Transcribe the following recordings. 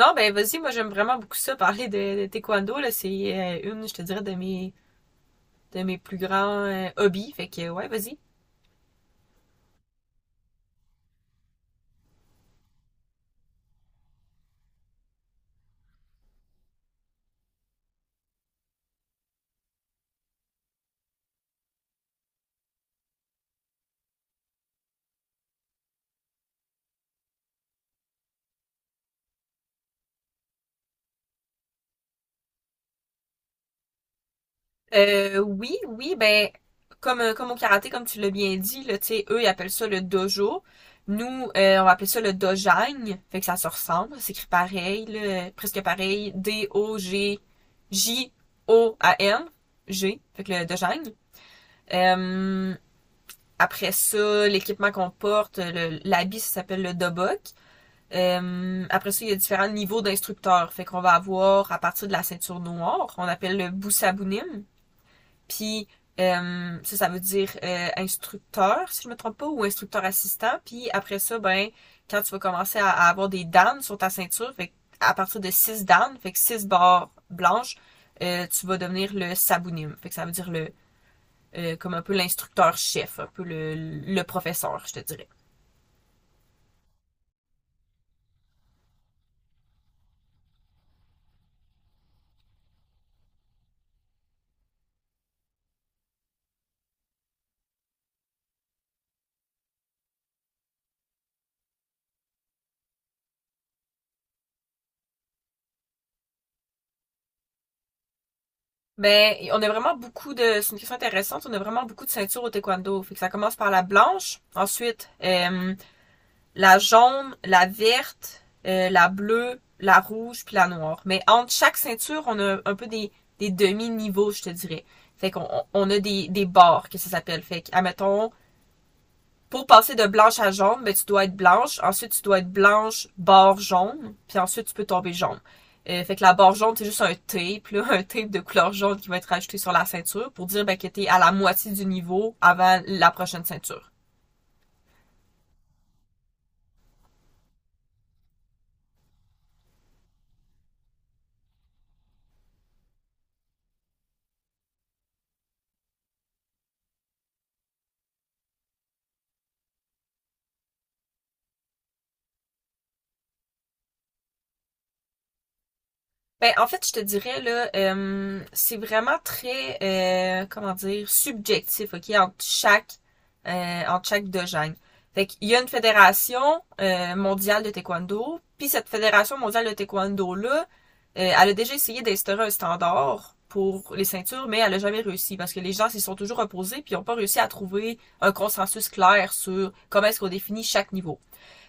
Non, ben vas-y, moi j'aime vraiment beaucoup ça, parler de taekwondo, là, c'est une, je te dirais, de mes plus grands hobbies, fait que ouais, vas-y. Oui, oui, ben comme au karaté, comme tu l'as bien dit, là, tu sais, eux, ils appellent ça le dojo. Nous, on va appeler ça le dojagne, fait que ça se ressemble, c'est écrit pareil, là, presque pareil, D-O-G-J-O-A-N, G, J O A N, G, fait que le dojagne. Euh, après ça, l'équipement qu'on porte, l'habit, ça s'appelle le dobok. Après ça, il y a différents niveaux d'instructeurs. Fait qu'on va avoir, à partir de la ceinture noire, on appelle le Boussabounim. Puis ça, ça veut dire instructeur, si je me trompe pas, ou instructeur assistant. Puis après ça, ben, quand tu vas commencer à avoir des dames sur ta ceinture, fait à partir de 6 dames, fait que 6 barres blanches, tu vas devenir le sabounim. Fait que ça veut dire le comme un peu l'instructeur chef, un peu le professeur, je te dirais. Ben, on a vraiment beaucoup de, c'est une question intéressante, on a vraiment beaucoup de ceintures au taekwondo. Fait que ça commence par la blanche, ensuite la jaune, la verte, la bleue, la rouge, puis la noire. Mais entre chaque ceinture, on a un peu des demi-niveaux, je te dirais. Fait qu'on a des barres, que ça s'appelle. Fait que, admettons, pour passer de blanche à jaune, ben, tu dois être blanche. Ensuite, tu dois être blanche, bord jaune. Puis ensuite, tu peux tomber jaune. Fait que la barre jaune, c'est juste un tape, là, un tape de couleur jaune qui va être ajouté sur la ceinture pour dire ben, que t'es à la moitié du niveau avant la prochaine ceinture. Ben, en fait, je te dirais, là, c'est vraiment très, comment dire, subjectif, OK, entre chaque dojo. Fait qu'il y a une fédération mondiale de taekwondo, puis cette fédération mondiale de taekwondo-là, elle a déjà essayé d'instaurer un standard pour les ceintures, mais elle a jamais réussi, parce que les gens s'y sont toujours opposés, puis ils n'ont pas réussi à trouver un consensus clair sur comment est-ce qu'on définit chaque niveau.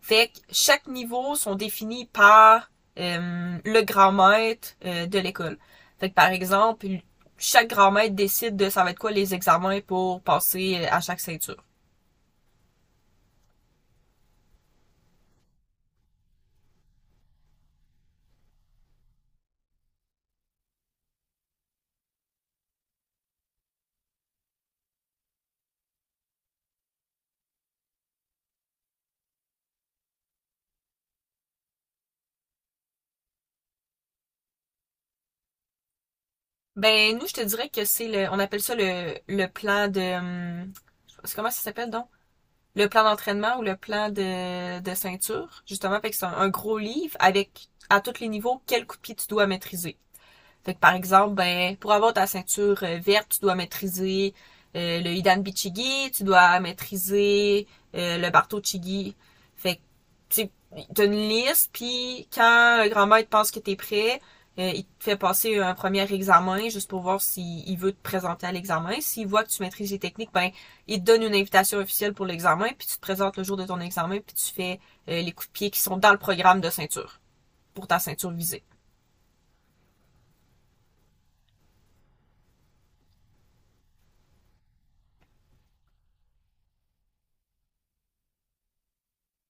Fait que chaque niveau sont définis par le grand maître de l'école. Fait que par exemple, chaque grand maître décide de ça va être quoi les examens pour passer à chaque ceinture. Ben nous, je te dirais que c'est on appelle ça le plan de, hum, c'est comment ça s'appelle donc? Le plan d'entraînement ou le plan de ceinture, justement, fait que c'est un gros livre avec à tous les niveaux quel coup de pied tu dois maîtriser. Fait que par exemple, ben, pour avoir ta ceinture verte, tu dois maîtriser le Hidan Bichigi, tu dois maîtriser le Barto Chigi. Fait que tu as une liste, puis quand le grand maître pense que t'es prêt, il te fait passer un premier examen juste pour voir s'il il veut te présenter à l'examen. S'il voit que tu maîtrises les techniques, ben il te donne une invitation officielle pour l'examen, puis tu te présentes le jour de ton examen, puis tu fais les coups de pied qui sont dans le programme de ceinture pour ta ceinture visée.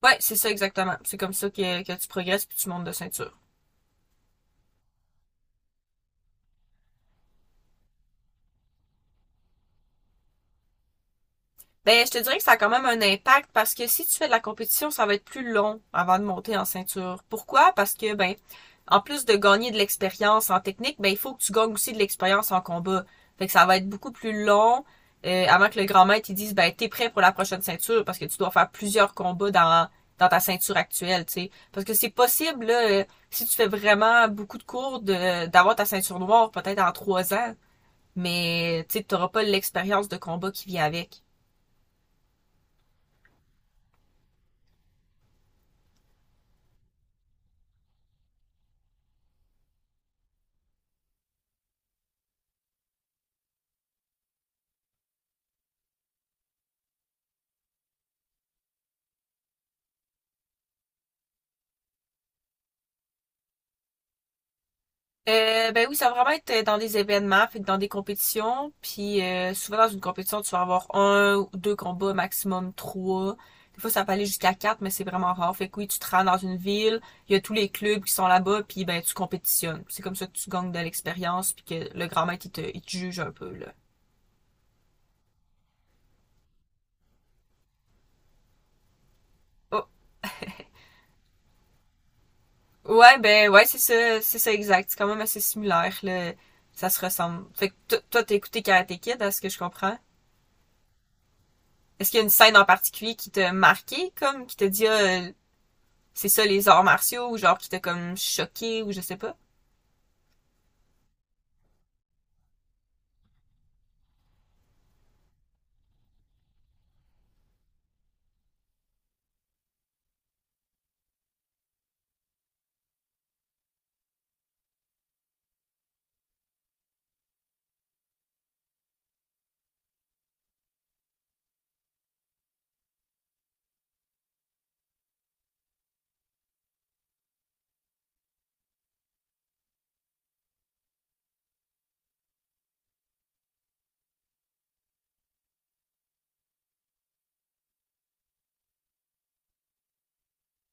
Ouais, c'est ça exactement. C'est comme ça que tu progresses puis tu montes de ceinture. Ben, je te dirais que ça a quand même un impact parce que si tu fais de la compétition, ça va être plus long avant de monter en ceinture. Pourquoi? Parce que, ben, en plus de gagner de l'expérience en technique, ben, il faut que tu gagnes aussi de l'expérience en combat. Fait que ça va être beaucoup plus long avant que le grand maître il dise, ben, t'es prêt pour la prochaine ceinture parce que tu dois faire plusieurs combats dans ta ceinture actuelle, tu sais. Parce que c'est possible, là, si tu fais vraiment beaucoup de cours, d'avoir ta ceinture noire peut-être en 3 ans, mais tu n'auras pas l'expérience de combat qui vient avec. Ben oui, ça va vraiment être dans des événements, fait que dans des compétitions, puis souvent dans une compétition, tu vas avoir un ou deux combats, maximum trois. Des fois, ça peut aller jusqu'à quatre, mais c'est vraiment rare. Fait que oui, tu te rends dans une ville, il y a tous les clubs qui sont là-bas, puis ben tu compétitionnes. C'est comme ça que tu gagnes de l'expérience, puis que le grand maître, il te juge un peu, là. Oh, ouais, ben ouais, c'est ça exact. C'est quand même assez similaire, là. Ça se ressemble. Fait que toi, t'as écouté Karate Kid, à ce que je comprends. Est-ce qu'il y a une scène en particulier qui t'a marqué, comme, qui t'a dit, ah, c'est ça les arts martiaux, ou genre qui t'a comme choqué, ou je sais pas?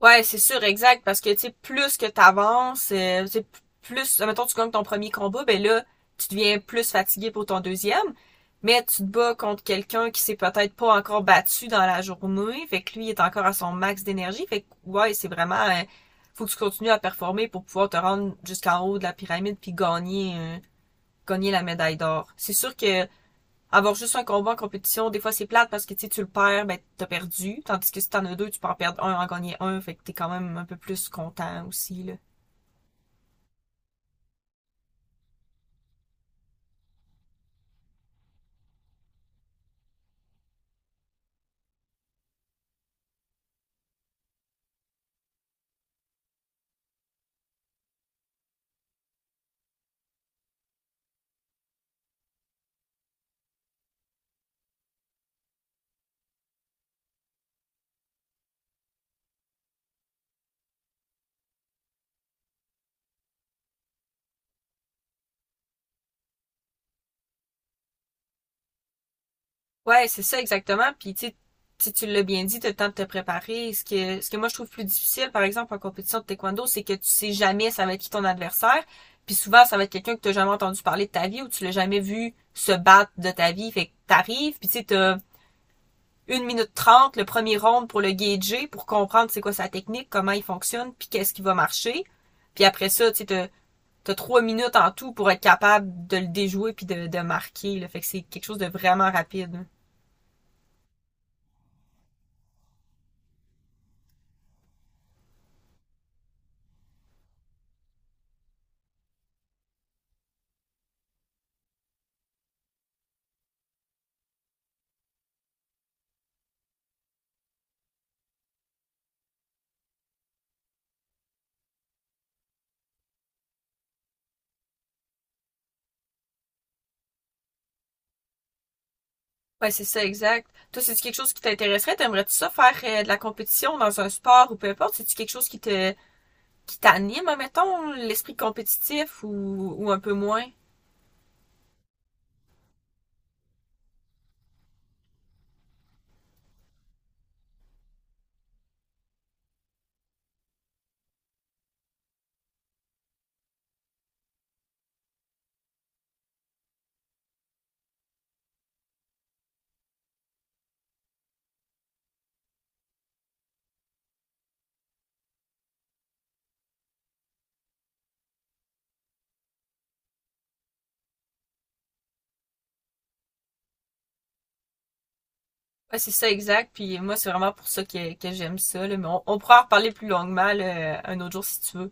Ouais, c'est sûr, exact, parce que, tu sais, plus que t'avances, tu sais, plus, admettons tu gagnes ton premier combat, ben là, tu deviens plus fatigué pour ton deuxième, mais tu te bats contre quelqu'un qui s'est peut-être pas encore battu dans la journée, fait que lui, il est encore à son max d'énergie, fait que, ouais, c'est vraiment, faut que tu continues à performer pour pouvoir te rendre jusqu'en haut de la pyramide puis gagner la médaille d'or. C'est sûr que avoir juste un combat en compétition, des fois c'est plate parce que tu sais, tu le perds, ben t'as perdu. Tandis que si t'en as deux, tu peux en perdre un, en gagner un, fait que t'es quand même un peu plus content aussi, là. Ouais, c'est ça exactement. Puis tu sais, si tu l'as bien dit, tu as le temps de te préparer. Ce que moi je trouve plus difficile, par exemple, en compétition de taekwondo, c'est que tu sais jamais ça va être qui ton adversaire. Puis souvent, ça va être quelqu'un que tu n'as jamais entendu parler de ta vie ou tu l'as jamais vu se battre de ta vie. Fait que t'arrives, puis tu sais, t'as 1 minute 30, le premier round pour le gager, pour comprendre c'est quoi sa technique, comment il fonctionne, puis qu'est-ce qui va marcher. Puis après ça, tu sais, t'as 3 minutes en tout pour être capable de le déjouer puis de marquer, là. Fait que c'est quelque chose de vraiment rapide, hein. Ouais, c'est ça, exact. Toi, c'est-tu quelque chose qui t'intéresserait? T'aimerais-tu ça faire de la compétition dans un sport ou peu importe? C'est-tu quelque chose qui t'anime, mettons, l'esprit compétitif ou un peu moins? Ouais, c'est ça, exact. Puis moi, c'est vraiment pour ça que j'aime ça, là. Mais on pourra en reparler plus longuement, là, un autre jour si tu veux.